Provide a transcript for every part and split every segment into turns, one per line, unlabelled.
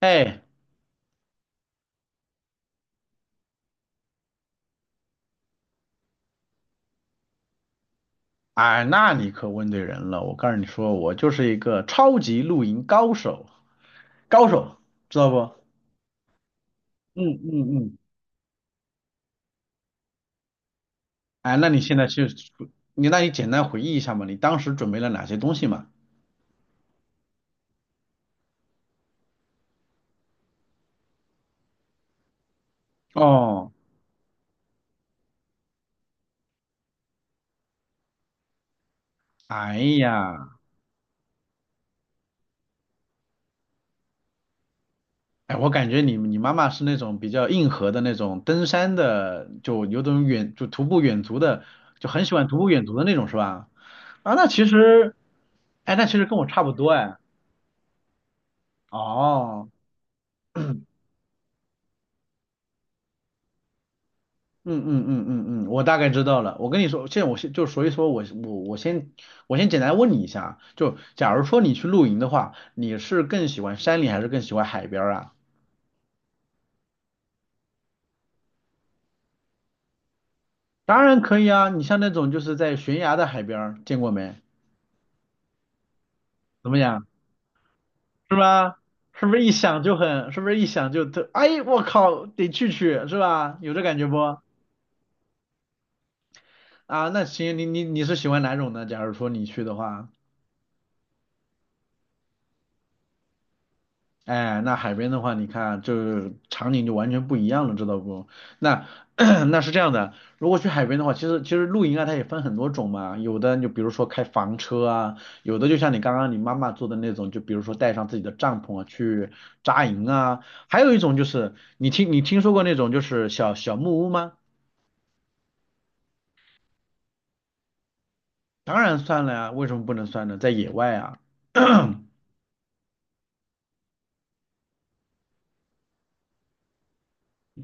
哎，哎，那你可问对人了。我告诉你说，我就是一个超级露营高手，高手，知道不？嗯嗯嗯。哎，那你现在去，你简单回忆一下嘛，你当时准备了哪些东西嘛？哦，哎呀，哎，我感觉你妈妈是那种比较硬核的那种登山的，就有种徒步远足的，就很喜欢徒步远足的那种是吧？啊，那其实，哎，那其实跟我差不多哎。哦。嗯嗯嗯嗯嗯，我大概知道了。我跟你说，现在我先就所以说我先简单问你一下啊，就假如说你去露营的话，你是更喜欢山里还是更喜欢海边儿啊？当然可以啊，你像那种就是在悬崖的海边儿见过没？怎么样？是吧？是不是一想就很，是不是一想就特，哎，我靠，得去去，是吧？有这感觉不？啊，那行，你是喜欢哪种呢？假如说你去的话。哎，那海边的话，你看，就是场景就完全不一样了，知道不？那 那是这样的，如果去海边的话，其实露营啊，它也分很多种嘛，有的就比如说开房车啊，有的就像你刚刚你妈妈做的那种，就比如说带上自己的帐篷啊去扎营啊，还有一种就是你听说过那种就是小木屋吗？当然算了呀，为什么不能算呢？在野外啊。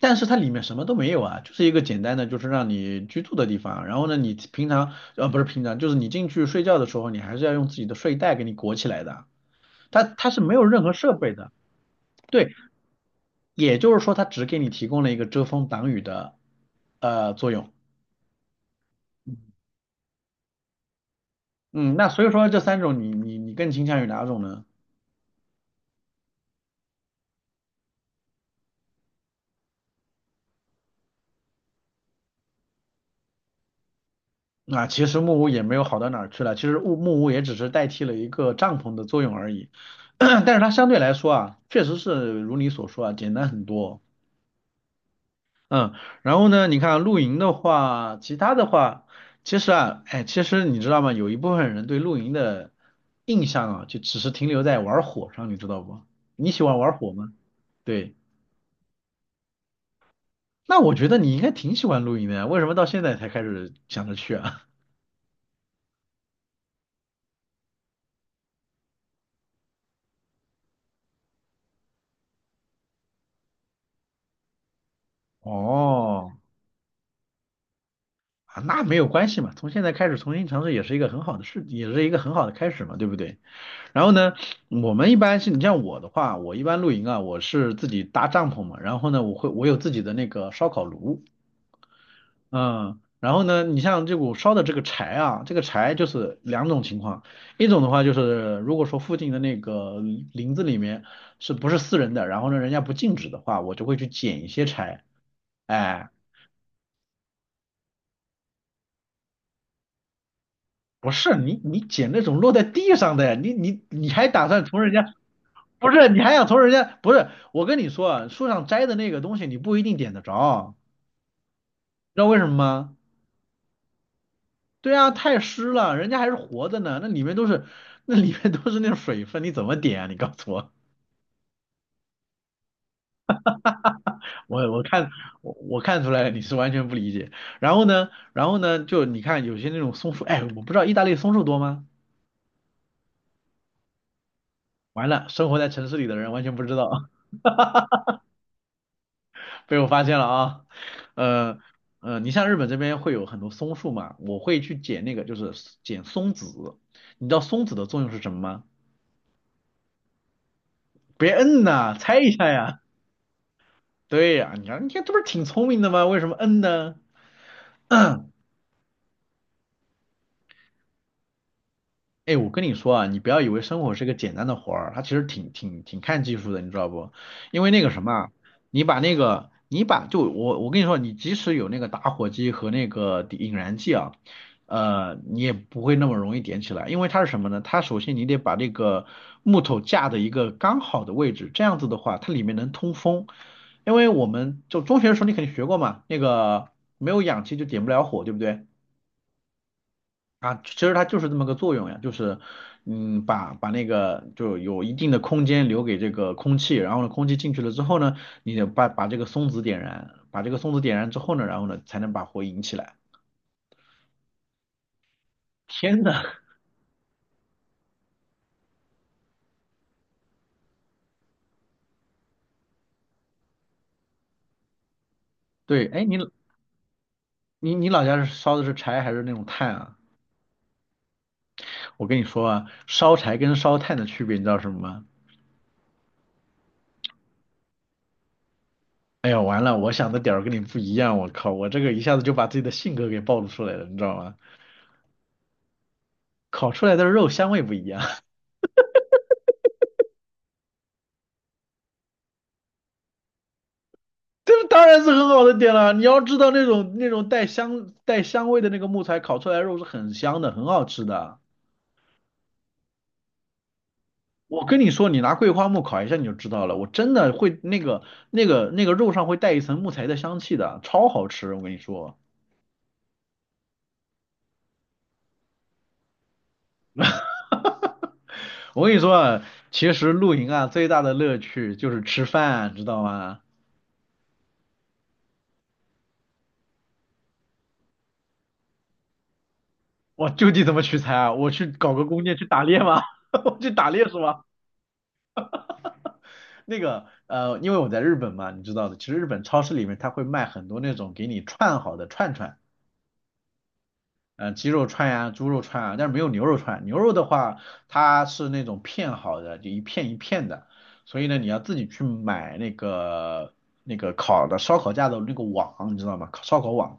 但是它里面什么都没有啊，就是一个简单的，就是让你居住的地方。然后呢，你平常不是平常，就是你进去睡觉的时候，你还是要用自己的睡袋给你裹起来的。它是没有任何设备的，对，也就是说它只给你提供了一个遮风挡雨的作用。嗯，那所以说这三种你更倾向于哪种呢？啊，其实木屋也没有好到哪儿去了，其实木屋也只是代替了一个帐篷的作用而已。但是它相对来说啊，确实是如你所说啊，简单很多。嗯，然后呢，你看露营的话，其他的话，其实啊，哎，其实你知道吗？有一部分人对露营的印象啊，就只是停留在玩火上，你知道不？你喜欢玩火吗？对，那我觉得你应该挺喜欢露营的呀，为什么到现在才开始想着去啊？哦，啊，那没有关系嘛，从现在开始重新尝试也是一个很好的事，也是一个很好的开始嘛，对不对？然后呢，我们一般是你像我的话，我一般露营啊，我是自己搭帐篷嘛，然后呢，我有自己的那个烧烤炉，嗯，然后呢，你像这股烧的这个柴啊，这个柴就是两种情况，一种的话就是如果说附近的那个林子里面是不是私人的，然后呢人家不禁止的话，我就会去捡一些柴，哎，不是你捡那种落在地上的，你还打算从人家不是，你还想从人家？不是，我跟你说啊，树上摘的那个东西你不一定点得着，知道为什么吗？对啊，太湿了，人家还是活着呢，那里面都是那种水分，你怎么点啊？你告诉我，我我看我看出来了，你是完全不理解。然后呢，就你看有些那种松树，哎，我不知道意大利松树多吗？完了，生活在城市里的人完全不知道。被我发现了啊，呃你像日本这边会有很多松树嘛，我会去捡那个，就是捡松子。你知道松子的作用是什么吗？别摁呐，猜一下呀。对呀，你看你看，这不是挺聪明的吗？为什么摁呢？哎，我跟你说啊，你不要以为生活是个简单的活儿，它其实挺看技术的，你知道不？因为那个什么啊，你把那个，你把就我跟你说，你即使有那个打火机和那个引燃剂啊，你也不会那么容易点起来，因为它是什么呢？它首先你得把这个木头架的一个刚好的位置，这样子的话，它里面能通风，因为我们就中学的时候你肯定学过嘛，那个没有氧气就点不了火，对不对？啊，其实它就是这么个作用呀，就是，嗯，把那个就有一定的空间留给这个空气，然后呢，空气进去了之后呢，你得把这个松子点燃，把这个松子点燃之后呢，然后呢，才能把火引起来。天呐，对，哎，你老家是烧的是柴还是那种炭啊？我跟你说啊，烧柴跟烧炭的区别你知道是什么吗？哎呀，完了，我想的点儿跟你不一样，我靠，我这个一下子就把自己的性格给暴露出来了，你知道吗？烤出来的肉香味不一样。这当然是很好的点了。你要知道那种带香味的那个木材烤出来的肉是很香的，很好吃的。我跟你说，你拿桂花木烤一下你就知道了，我真的会那个肉上会带一层木材的香气的，超好吃。我跟你说，我跟你说啊，其实露营啊最大的乐趣就是吃饭，知道吗？我就地怎么取材啊？我去搞个弓箭去打猎吗？我去打猎是吗？那个因为我在日本嘛，你知道的，其实日本超市里面它会卖很多那种给你串好的串串，鸡肉串呀、猪肉串啊，但是没有牛肉串。牛肉的话，它是那种片好的，就一片一片的，所以呢，你要自己去买那个烤的烧烤架的那个网，你知道吗？烤烧烤网。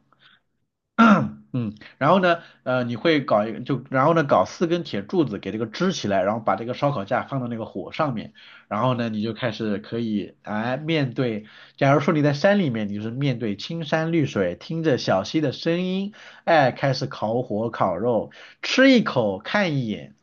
嗯，然后呢，你会搞一个，就然后呢，搞四根铁柱子给这个支起来，然后把这个烧烤架放到那个火上面，然后呢，你就开始可以哎面对，假如说你在山里面，你就是面对青山绿水，听着小溪的声音，哎，开始烤火烤肉，吃一口看一眼。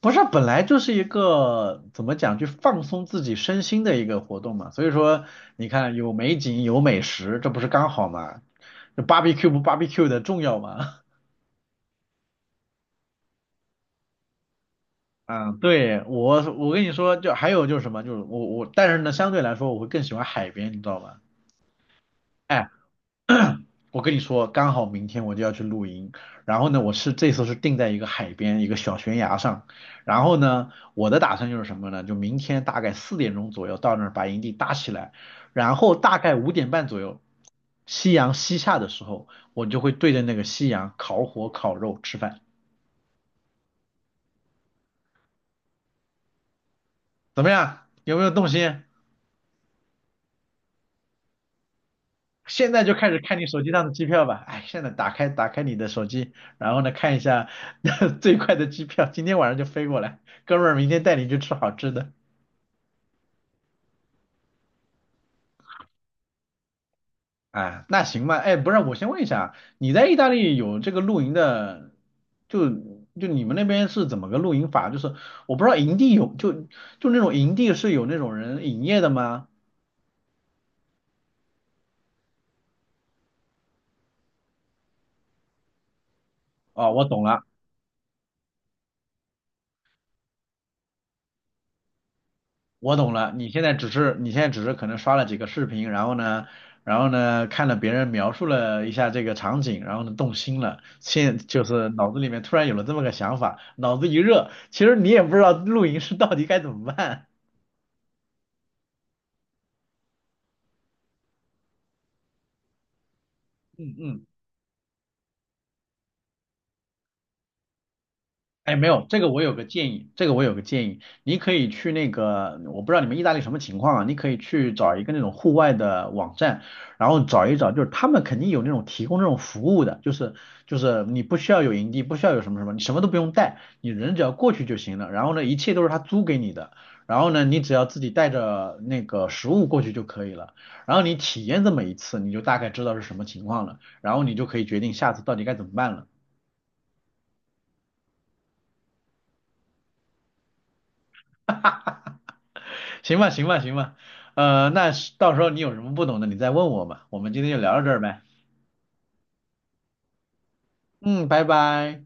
不是，本来就是一个怎么讲，就放松自己身心的一个活动嘛。所以说，你看有美景有美食，这不是刚好嘛？就 barbecue 不 barbecue 的重要嘛？嗯，对，我跟你说，就还有就是什么，就是我我，但是呢，相对来说我会更喜欢海边，你知道吗？哎我跟你说，刚好明天我就要去露营，然后呢，这次是定在一个海边一个小悬崖上，然后呢，我的打算就是什么呢？就明天大概4点钟左右到那儿把营地搭起来，然后大概5点半左右，夕阳西下的时候，我就会对着那个夕阳烤火烤肉吃饭，怎么样？有没有动心？现在就开始看你手机上的机票吧。哎，现在打开你的手机，然后呢看一下 最快的机票，今天晚上就飞过来。哥们儿，明天带你去吃好吃的。啊，那行吧。哎，不是，我先问一下啊，你在意大利有这个露营的，就你们那边是怎么个露营法？就是我不知道营地有就就那种营地是有那种人营业的吗？哦，我懂了。我懂了，你现在只是可能刷了几个视频，然后呢看了别人描述了一下这个场景，然后呢动心了，就是脑子里面突然有了这么个想法，脑子一热，其实你也不知道露营是到底该怎么办。嗯嗯。哎，没有，这个我有个建议，你可以去那个，我不知道你们意大利什么情况啊，你可以去找一个那种户外的网站，然后找一找，就是他们肯定有那种提供这种服务的，就是你不需要有营地，不需要有什么什么，你什么都不用带，你人只要过去就行了，然后呢，一切都是他租给你的，然后呢，你只要自己带着那个食物过去就可以了，然后你体验这么一次，你就大概知道是什么情况了，然后你就可以决定下次到底该怎么办了。行吧，行吧，行吧，那是到时候你有什么不懂的，你再问我嘛。我们今天就聊到这儿呗。嗯，拜拜。